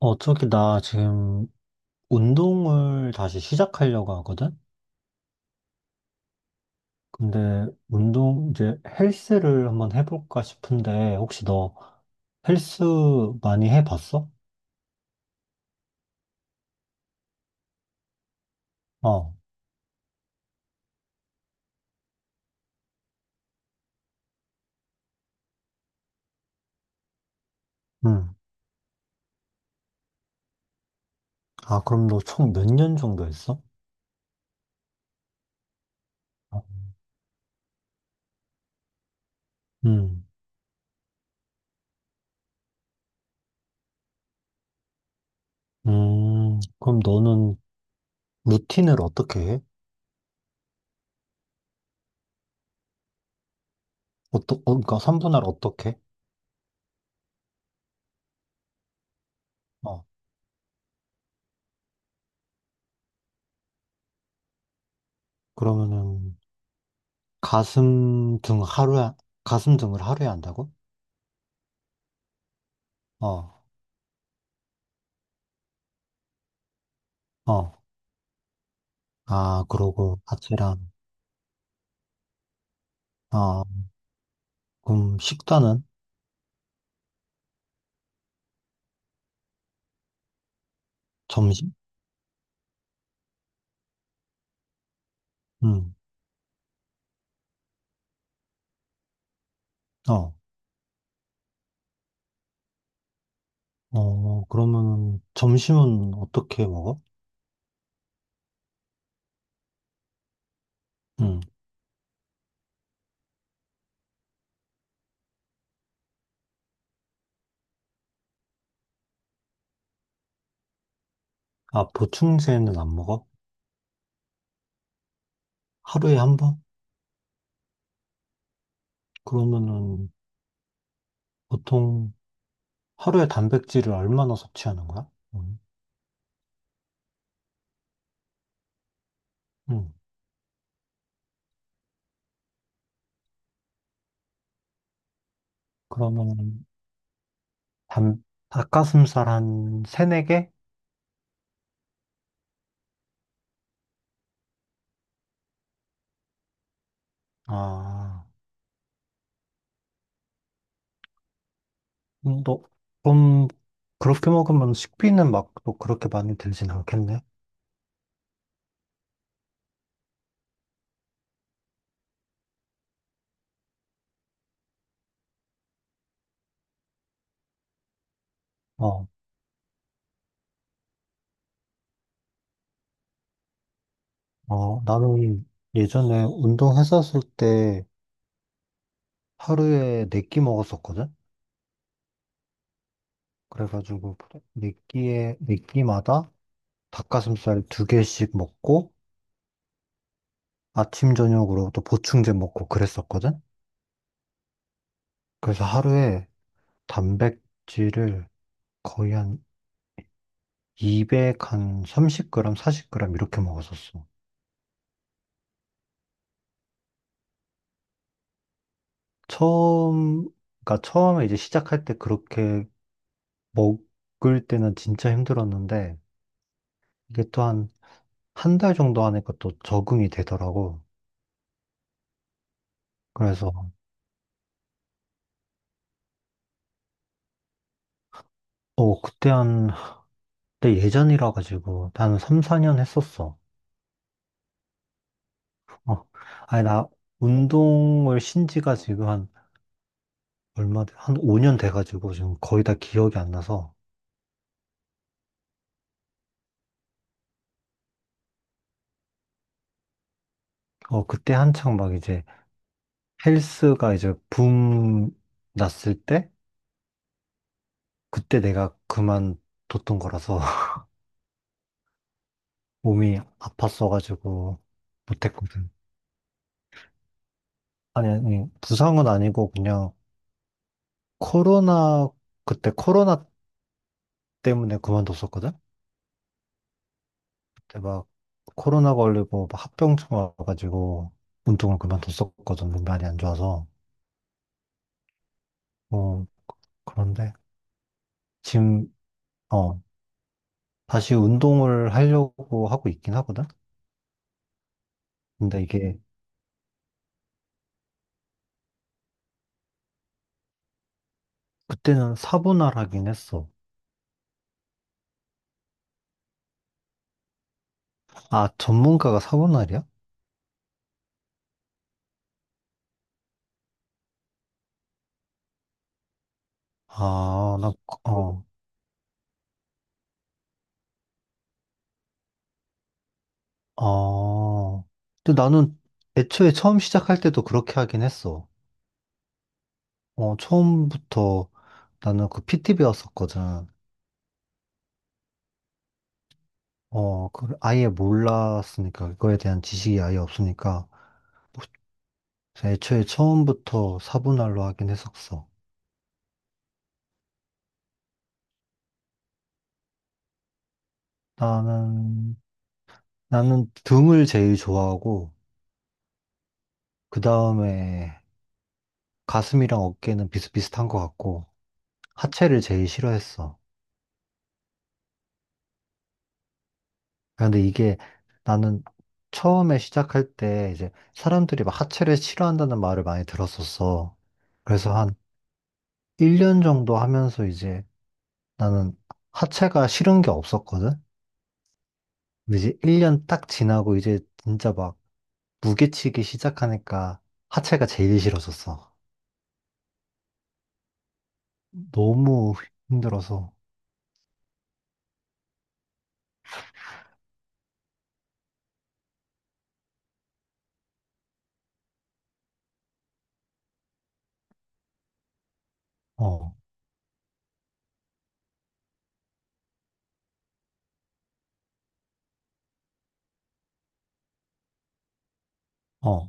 저기, 나 지금 운동을 다시 시작하려고 하거든? 근데 이제 헬스를 한번 해볼까 싶은데, 혹시 너 헬스 많이 해봤어? 어, 음. 아, 그럼 너 총 몇 년 정도 했어? 어, 음, 음. 그럼 너는 루틴을 어떻게 해? 그러니까 삼분할 어떻게 해? 어, 그러면은 가슴 등 하루에, 가슴 등을 하루에 한다고? 어, 어, 아, 그러고 하체랑. 어, 그럼 식단은? 점심? 응. 어. 어, 그러면 점심은 어떻게 먹어? 응. 아, 보충제는 안 먹어? 하루에 한 번? 그러면은 보통 하루에 단백질을 얼마나 섭취하는 거야? 응. 응. 그러면 단, 닭가슴살 한 세네 개? 아, 음, 너, 그럼 그렇게 먹으면 식비는 막 또 그렇게 많이 들진 않겠네? 어, 어. 나는 예전에 운동했었을 때 하루에 네끼 먹었었거든? 그래가지고 네 끼마다 닭가슴살 두 개씩 먹고 아침 저녁으로 또 보충제 먹고 그랬었거든? 그래서 하루에 단백질을 거의 한 200, 한 30g, 40g 이렇게 먹었었어. 처음, 그러니까 처음에 이제 시작할 때 그렇게 먹을 때는 진짜 힘들었는데 이게 또한 한 달 정도 하니까 또 적응이 되더라고. 그래서 그때 한 근데 예전이라 가지고 나는 3, 4년 했었어. 어. 아니 나 운동을 쉰 지가 지금 한 5년 돼 가지고 지금 거의 다 기억이 안 나서 어, 그때 한창 막 이제 헬스가 이제 붐 났을 때 그때 내가 그만뒀던 거라서 몸이 아팠어 가지고 못했거든. 아니 아니 부상은 아니고 그냥 코로나 그때 코로나 때문에 그만뒀었거든. 그때 막 코로나 걸리고 막 합병증 와가지고 운동을 그만뒀었거든. 몸이 이안 좋아서. 어, 그런데 지금, 어, 다시 운동을 하려고 하고 있긴 하거든. 근데 이게 그때는 사분할 하긴 했어. 아, 전문가가 사분할이야? 아, 나, 어, 어. 근데 나는 애초에 처음 시작할 때도 그렇게 하긴 했어. 처음부터 나는 그 PT 배웠었거든. 그 아예 몰랐으니까, 그거에 대한 지식이 아예 없으니까, 뭐, 그래서 애초에 처음부터 사분할로 하긴 했었어. 나는, 나는 등을 제일 좋아하고, 그 다음에 가슴이랑 어깨는 비슷비슷한 것 같고, 하체를 제일 싫어했어. 근데 이게 나는 처음에 시작할 때 이제 사람들이 막 하체를 싫어한다는 말을 많이 들었었어. 그래서 한 1년 정도 하면서 이제 나는 하체가 싫은 게 없었거든? 근데 이제 1년 딱 지나고 이제 진짜 막 무게치기 시작하니까 하체가 제일 싫어졌어. 너무 힘들어서. 어, 어,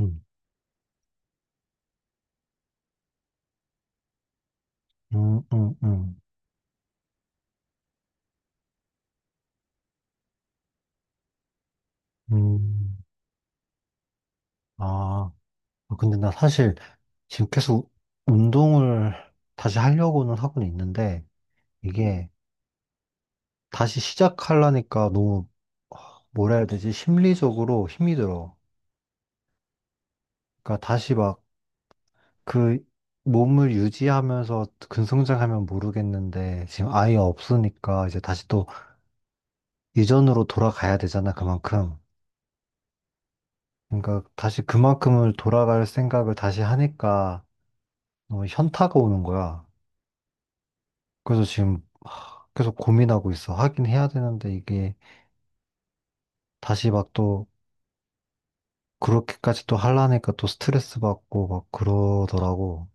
음, 음, 음, 음, 음. 아, 아, 근데 나 사실 지금 계속 운동을 다시 하려고는 하고는 있는데 이게 다시 시작하려니까 너무 뭐라 해야 되지? 심리적으로 힘이 들어. 그러니까 다시 막 그 몸을 유지하면서 근성장하면 모르겠는데 지금 아예 없으니까 이제 다시 또 이전으로 돌아가야 되잖아, 그만큼. 그러니까 다시 그만큼을 돌아갈 생각을 다시 하니까 너무 현타가 오는 거야. 그래서 지금 계속 고민하고 있어. 하긴 해야 되는데 이게 다시 막 또 그렇게까지 또 하려니까 또 스트레스 받고 막 그러더라고.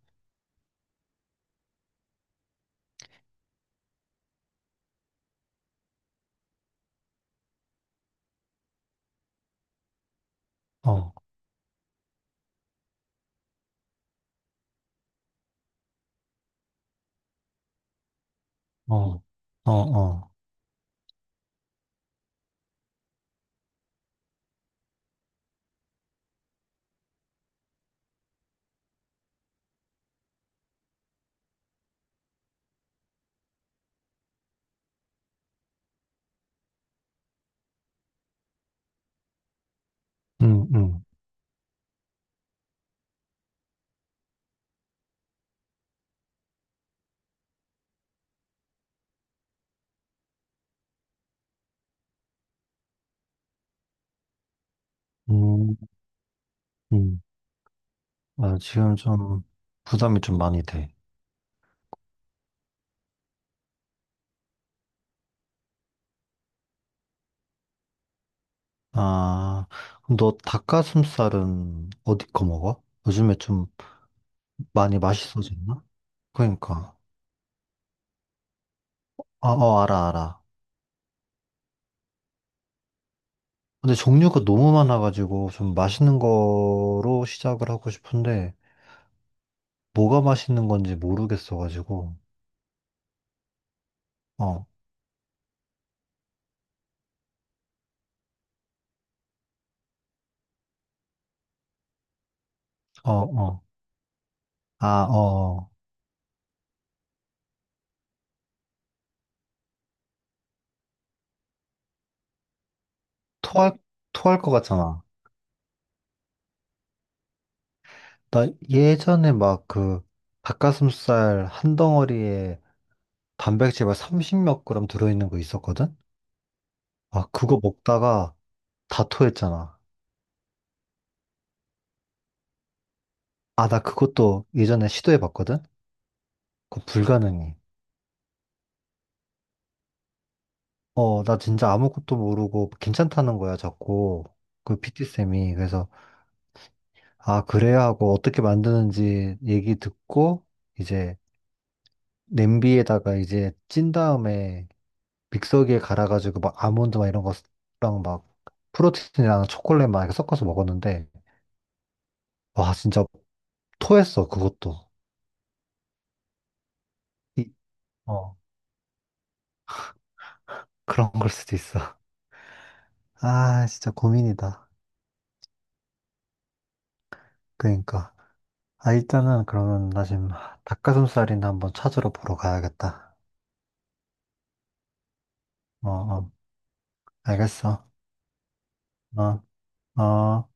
어, 어, 어, 어. 음, 음, 음, 음. 아, 지금 좀 부담이 좀 많이 돼. 아, 그럼 너 닭가슴살은 어디 거 먹어? 요즘에 좀 많이 맛있어졌나? 그러니까. 아, 어, 알아, 알아. 근데 종류가 너무 많아가지고 좀 맛있는 거로 시작을 하고 싶은데 뭐가 맛있는 건지 모르겠어가지고. 어, 어, 어. 아, 어. 어. 토할, 토할 것 같잖아. 나 예전에 막 그 닭가슴살 한 덩어리에 단백질 막 30몇 그램 들어있는 거 있었거든? 아, 그거 먹다가 다 토했잖아. 아, 나 그것도 예전에 시도해봤거든? 그거 불가능해. 어, 나 진짜 아무것도 모르고 괜찮다는 거야, 자꾸. 그 PT쌤이. 그래서, 아, 그래야 하고 어떻게 만드는지 얘기 듣고, 이제 냄비에다가 이제 찐 다음에 믹서기에 갈아가지고 막 아몬드 막 이런 거랑 막 프로틴이랑 초콜릿 막 이렇게 섞어서 먹었는데, 와, 진짜 토했어, 그것도. 어, 그런 걸 수도 있어. 아, 진짜 고민이다. 그러니까. 아, 일단은 그러면 나 지금 닭가슴살이나 한번 찾으러 보러 가야겠다. 어, 어, 알겠어. 어, 어.